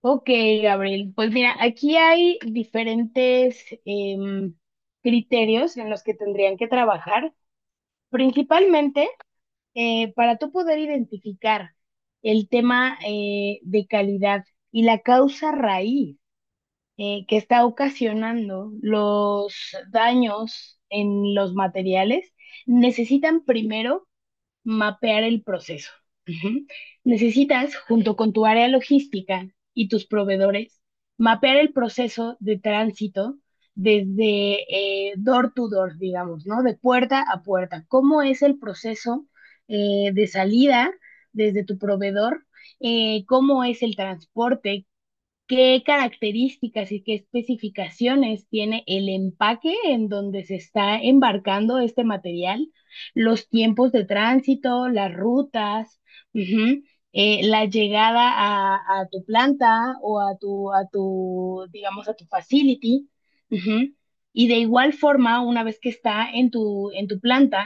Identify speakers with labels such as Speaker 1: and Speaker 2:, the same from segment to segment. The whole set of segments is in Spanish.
Speaker 1: Ok, Gabriel. Pues mira, aquí hay diferentes criterios en los que tendrían que trabajar, principalmente para tú poder identificar el tema de calidad y la causa raíz que está ocasionando los daños en los materiales. Necesitan primero mapear el proceso. Ujú. Necesitas, junto con tu área logística y tus proveedores, mapear el proceso de tránsito desde door to door, digamos, ¿no? De puerta a puerta. ¿Cómo es el proceso de salida desde tu proveedor? ¿Cómo es el transporte? ¿Qué características y qué especificaciones tiene el empaque en donde se está embarcando este material? Los tiempos de tránsito, las rutas, ujú, la llegada a tu planta o a tu, digamos, a tu facility, ujú. Y de igual forma, una vez que está en tu planta,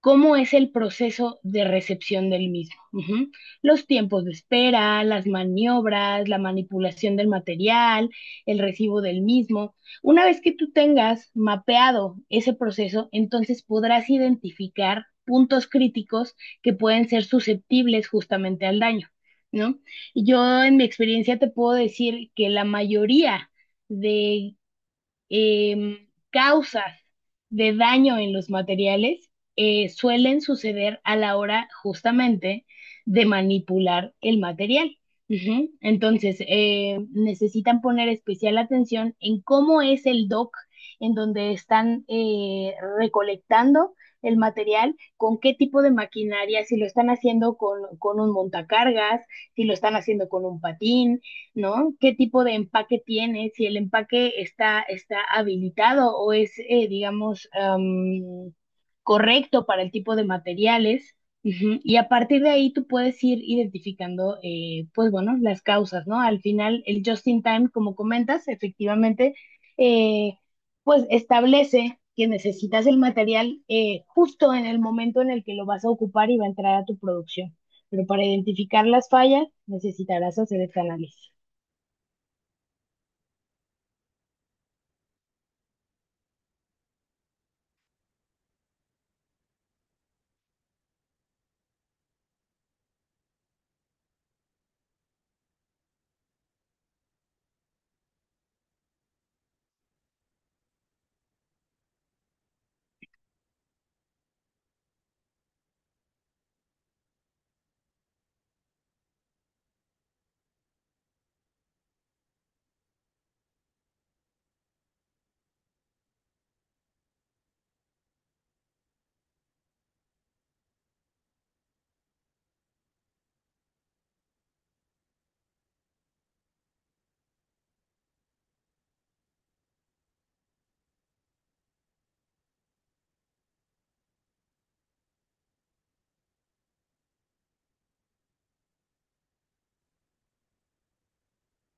Speaker 1: cómo es el proceso de recepción del mismo. Ujú. Los tiempos de espera, las maniobras, la manipulación del material, el recibo del mismo. Una vez que tú tengas mapeado ese proceso, entonces podrás identificar puntos críticos que pueden ser susceptibles justamente al daño, ¿no? Yo en mi experiencia te puedo decir que la mayoría de causas de daño en los materiales suelen suceder a la hora justamente de manipular el material. Ujú. Entonces, necesitan poner especial atención en cómo es el dock en donde están recolectando el material, con qué tipo de maquinaria, si lo están haciendo con un montacargas, si lo están haciendo con un patín, ¿no? ¿Qué tipo de empaque tiene? Si el empaque está, está habilitado o es, digamos, correcto para el tipo de materiales. Ujú. Y a partir de ahí tú puedes ir identificando, pues bueno, las causas, ¿no? Al final, el just in time, como comentas, efectivamente, eh, pues establece que necesitas el material justo en el momento en el que lo vas a ocupar y va a entrar a tu producción. Pero para identificar las fallas necesitarás hacer este análisis.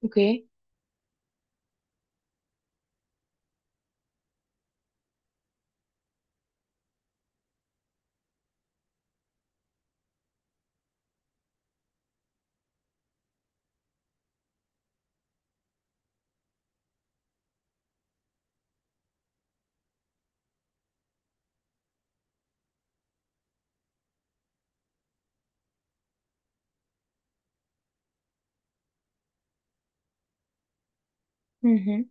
Speaker 1: Ok, ujú.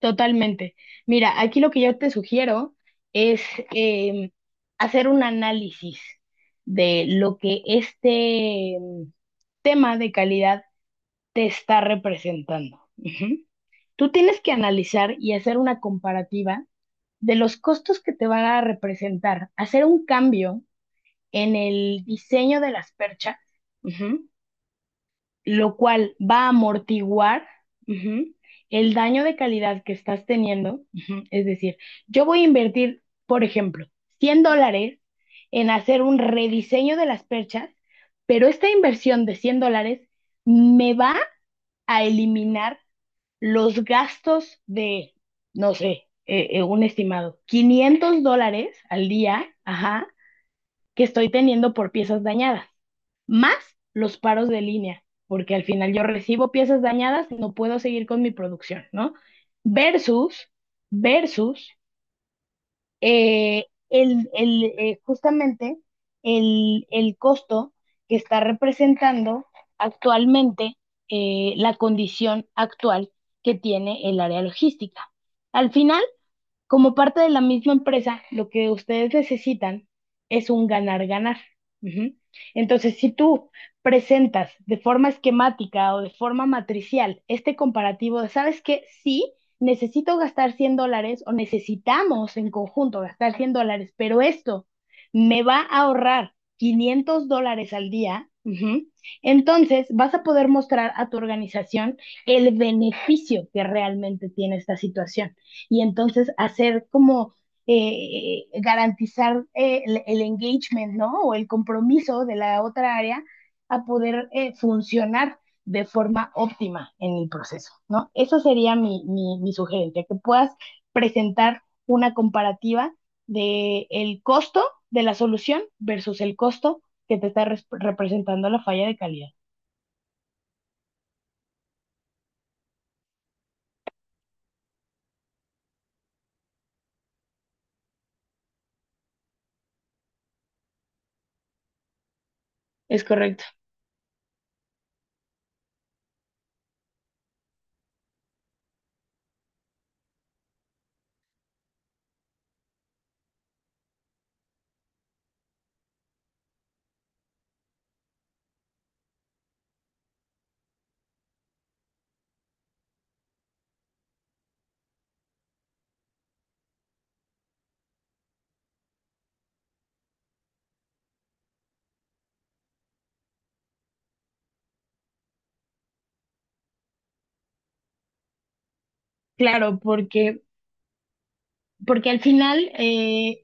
Speaker 1: Totalmente. Mira, aquí lo que yo te sugiero es em, hacer un análisis de lo que este tema de calidad te está representando. Ujú. Tú tienes que analizar y hacer una comparativa de los costos que te van a representar, hacer un cambio en el diseño de las perchas. Ujú, lo cual va a amortiguar, ujú, el daño de calidad que estás teniendo. Ujú. Es decir, yo voy a invertir, por ejemplo, $100 en hacer un rediseño de las perchas, pero esta inversión de $100 me va a eliminar los gastos de, no sé, un estimado, $500 al día, ajá, que estoy teniendo por piezas dañadas, más los paros de línea, porque al final yo recibo piezas dañadas, no puedo seguir con mi producción, ¿no? Versus, versus, justamente el costo que está representando actualmente la condición actual que tiene el área logística. Al final, como parte de la misma empresa, lo que ustedes necesitan es un ganar-ganar. Ujú. Entonces, si tú presentas de forma esquemática o de forma matricial este comparativo de, ¿sabes qué? Sí, necesito gastar $100 o necesitamos en conjunto gastar $100, pero esto me va a ahorrar $500 al día. Ujú. Entonces, vas a poder mostrar a tu organización el beneficio que realmente tiene esta situación y entonces hacer como garantizar engagement, ¿no? O el compromiso de la otra área a poder funcionar de forma óptima en el proceso, ¿no? Eso sería mi, mi, mi sugerencia, que puedas presentar una comparativa de el costo de la solución versus el costo que te está representando la falla de calidad. Es correcto. Claro, porque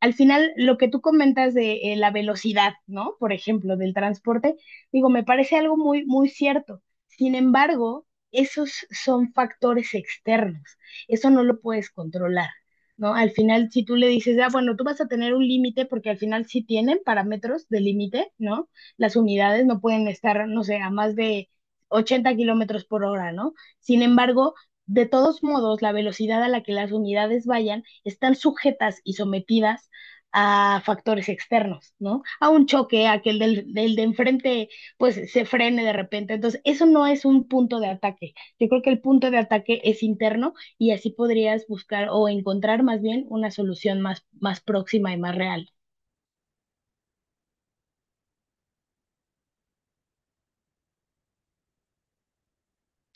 Speaker 1: al final lo que tú comentas de la velocidad, ¿no? Por ejemplo, del transporte, digo, me parece algo muy, muy cierto. Sin embargo, esos son factores externos, eso no lo puedes controlar, ¿no? Al final, si tú le dices, ah, bueno, tú vas a tener un límite, porque al final sí tienen parámetros de límite, ¿no? Las unidades no pueden estar, no sé, a más de 80 km/h, ¿no? Sin embargo, de todos modos, la velocidad a la que las unidades vayan están sujetas y sometidas a factores externos, ¿no? A un choque, a que el del de enfrente pues se frene de repente. Entonces, eso no es un punto de ataque. Yo creo que el punto de ataque es interno y así podrías buscar o encontrar más bien una solución más, más próxima y más real.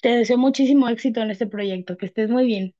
Speaker 1: Te deseo muchísimo éxito en este proyecto, que estés muy bien.